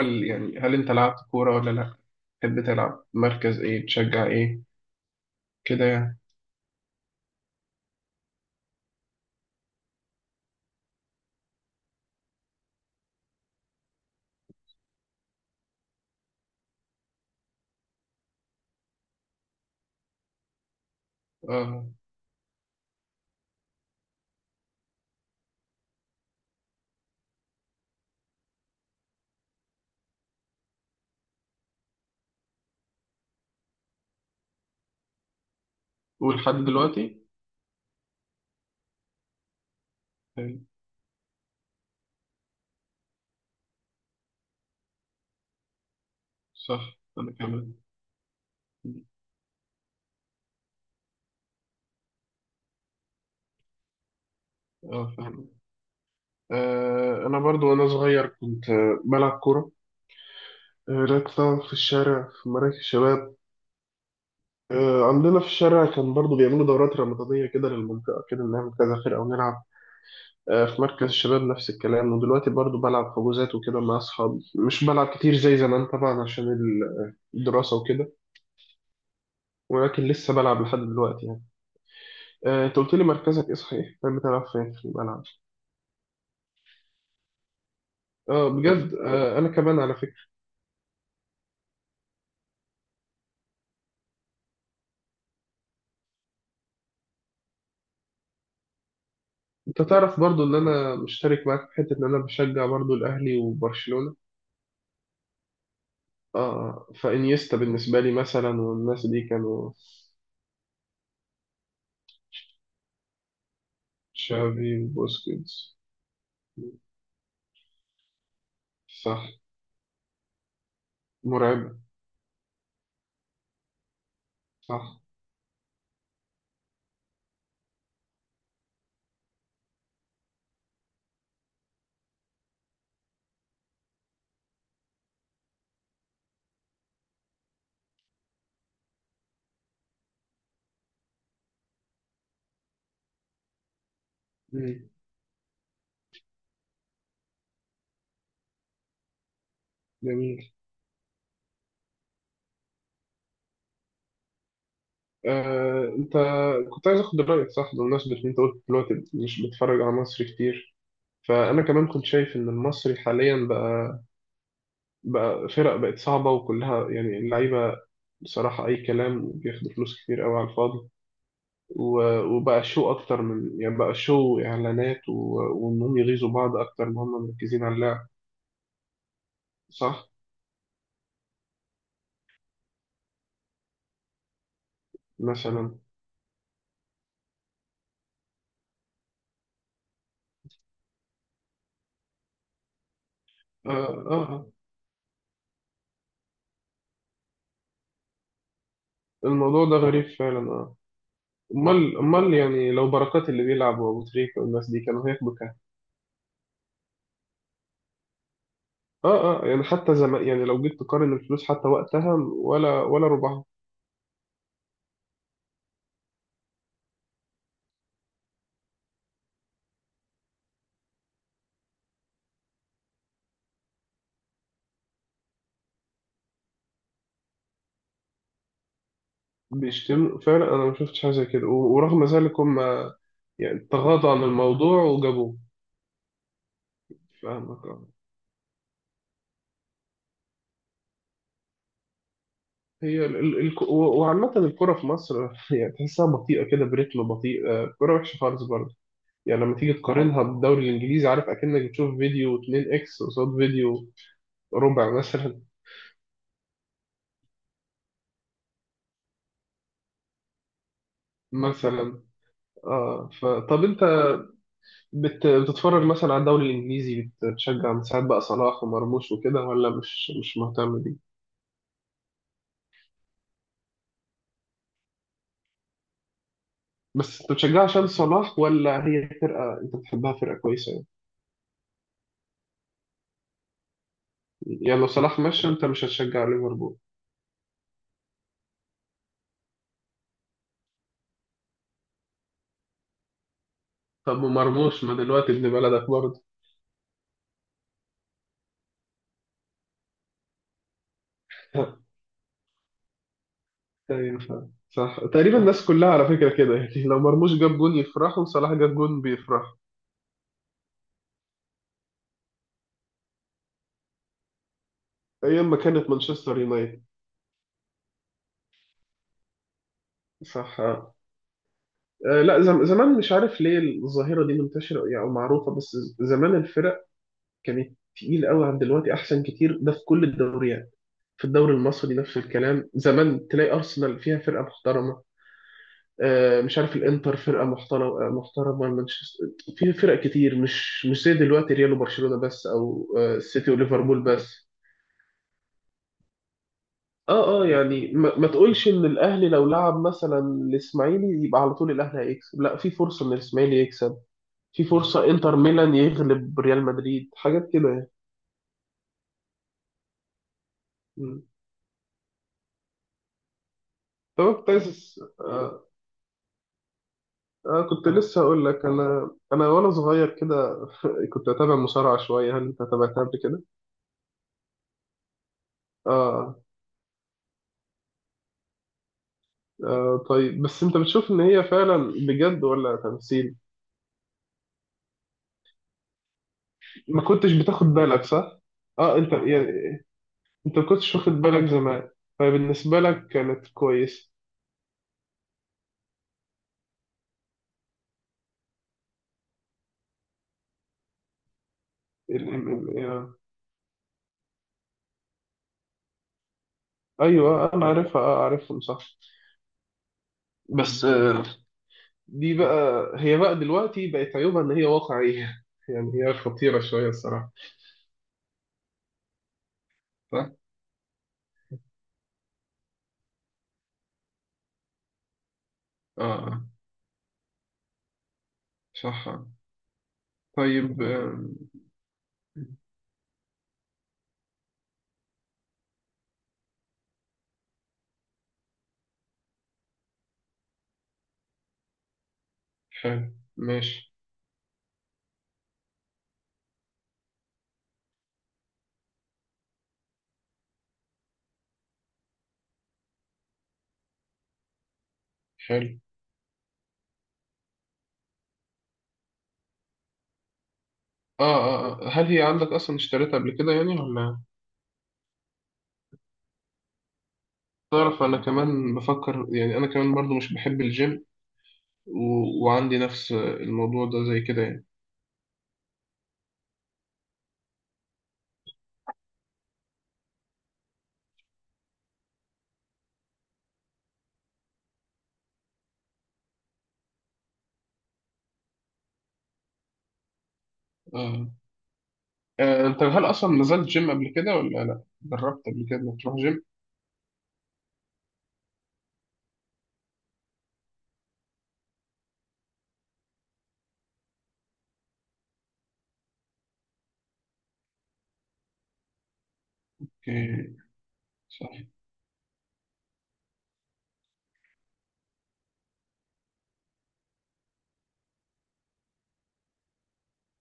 هل انت لعبت كورة ولا لا؟ تحب تلعب مركز ايه؟ تشجع ايه؟ كده يعني. اه، ولحد دلوقتي. حلو. صح، انا كمان. اه، فاهم. آه، انا برضو وانا صغير كنت بلعب كورة. آه، لعبت طبعا في الشارع، في مراكز الشباب. آه، عندنا في الشارع كان برضو بيعملوا دورات رمضانية كده للمنطقة، كده نعمل كذا فرقة ونلعب. آه، في مركز الشباب نفس الكلام. ودلوقتي برضو بلعب حجوزات وكده مع أصحابي. مش بلعب كتير زي زمان طبعا عشان الدراسة وكده. ولكن لسه بلعب لحد دلوقتي يعني. آه، انت قلت لي مركزك ايه، صحيح؟ كان بتلعب فين في الملعب؟ اه بجد، آه، انا كمان على فكره. انت تعرف برضو ان انا مشترك معاك في حته، ان انا بشجع برضو الاهلي وبرشلونه. اه، فانيستا بالنسبه لي مثلا والناس دي كانوا. تشافي وبوسكيتس. صح. مرعبه. صح. مم. جميل. آه، انت. كنت عايز اخد رايك، صح، بمناسبه ان انت قلت دلوقتي مش بتتفرج على مصر كتير. فانا كمان كنت شايف ان المصري حاليا بقى، فرق بقت صعبة، وكلها يعني اللعيبة بصراحة أي كلام بياخدوا فلوس كتير قوي على الفاضي. وبقى شو أكتر من يعني، بقى شو إعلانات وإنهم يغيظوا بعض أكتر ما هم مركزين على اللعب. صح، مثلا. آه آه آه. الموضوع ده غريب فعلا، آه. أمال أمال يعني لو بركات اللي بيلعب وأبو تريكة والناس دي كانوا هياخدوا كام؟ آه آه، يعني حتى زمان، يعني لو جيت تقارن الفلوس حتى وقتها، ولا ولا ربعها. بيشتموا فعلا، انا ما شفتش حاجه زي كده، ورغم ذلك هم يعني تغاضوا عن الموضوع وجابوه. فاهمك، آه. هي ال ال ال وعامة الكرة في مصر يعني تحسها بطيئة كده، بريتم بطيء. آه، الكرة وحشة خالص برضه يعني لما تيجي تقارنها بالدوري الإنجليزي. عارف أكنك بتشوف فيديو 2 إكس قصاد فيديو ربع مثلا. مثلا. اه، فطب أنت بتتفرج مثلا على الدوري الإنجليزي؟ بتشجع من ساعات بقى صلاح ومرموش وكده، ولا مش مهتم؟ بس انت بتشجع عشان صلاح، ولا هي فرقة انت بتحبها، فرقة كويسة يعني؟ يعني لو صلاح مشى، انت مش هتشجع ليفربول؟ طب ومرموش ما دلوقتي ابن بلدك برضه. ايوه، فاهم. صح، تقريبا الناس كلها على فكرة كده، يعني لو مرموش جاب جون يفرحوا، وصلاح جاب جون بيفرحوا. ايام ما كانت مانشستر يونايتد. صح. آه، آه، لا زم زمان، مش عارف ليه الظاهرة دي منتشرة يعني او معروفة، بس زمان الفرق كانت تقيل قوي عن دلوقتي، احسن كتير، ده في كل الدوريات. في الدوري المصري نفس الكلام، زمان تلاقي أرسنال فيها فرقة محترمة، آه، مش عارف الانتر فرقة محترمة، آه، محترمة مانشستر. في فرق كتير، مش زي دلوقتي ريال وبرشلونة بس، أو آه، السيتي وليفربول بس. اه اه، يعني ما تقولش ان الاهلي لو لعب مثلا الاسماعيلي يبقى على طول الاهلي هيكسب، لا، في فرصة ان الاسماعيلي يكسب. في فرصة انتر ميلان يغلب ريال مدريد، حاجات كده يعني. مم. طب كنت عايز. أس- آه، كنت لسه هقول لك، انا وانا صغير كده كنت اتابع مصارعه شويه، هل انت تابعتها قبل كده؟ آه. اه طيب، بس انت بتشوف ان هي فعلا بجد ولا تمثيل؟ ما كنتش بتاخد بالك، صح؟ اه، انت يعني، انت ما كنتش واخد بالك زمان. فبالنسبه لك كانت كويس. ال... ال... آه. ايوه انا عارفها، اه، عارفهم، صح. بس آه، دي بقى، هي بقى دلوقتي بقت عيوبها ان هي واقعيه يعني هي خطيره شويه الصراحه. صح. اه آه. صح. طيب، آم، حلو ماشي. حلو. آه، آه، آه، هل هي عندك أصلا اشتريتها قبل كده يعني ولا؟ تعرف، أنا كمان بفكر يعني، أنا كمان برضو مش بحب الجيم. و... وعندي نفس الموضوع ده زي كده يعني. آه. آه، أنت هل أصلا نزلت جيم قبل كده، ولا لأ، جربت قبل كده إنك تروح جيم؟ أوكي. صح.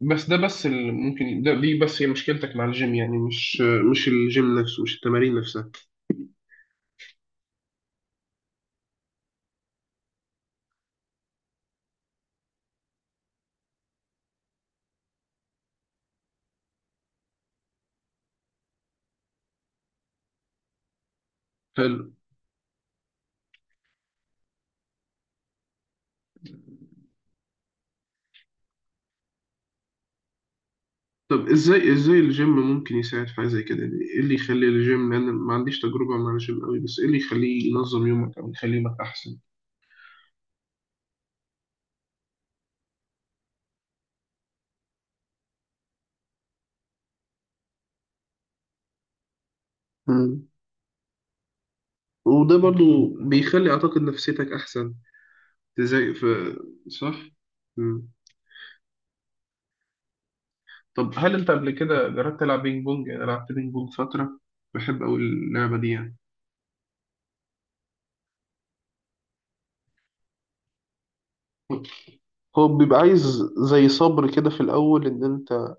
بس ده، بس اللي ممكن، ده دي بس هي مشكلتك مع الجيم يعني، مش الجيم نفسه، مش التمارين نفسها. طب ازاي الجيم ممكن يساعد في حاجه زي كده يعني؟ ايه اللي يخلي الجيم، لان أنا ما عنديش تجربه مع الجيم قوي، بس ايه اللي يخليه ينظم يومك او يخلي يومك احسن؟ مم. وده برضو بيخلي اعتقد نفسيتك احسن. ازاي؟ في؟ صح. مم. طب هل انت قبل كده جربت تلعب بينج بونج؟ انا لعبت بينج بونج فتره، بحب قوي اللعبه دي يعني. هو بيبقى عايز زي صبر كده في الأول، إن أنت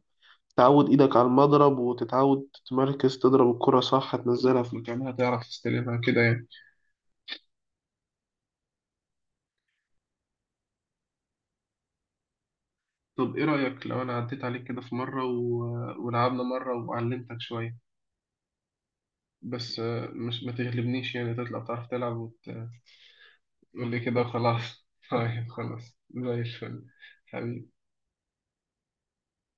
تعود إيدك على المضرب، وتتعود تتمركز، تضرب الكرة صح، تنزلها في مكانها، تعرف تستلمها كده يعني. طب ايه رأيك لو انا عديت عليك كده في مرة، و... ولعبنا مرة وعلمتك شوية. بس آه، مش ما تغلبنيش يعني، تطلع بتعرف تلعب وت... قول لي كده وخلاص. طيب خلاص، زي الفل، حبيبي.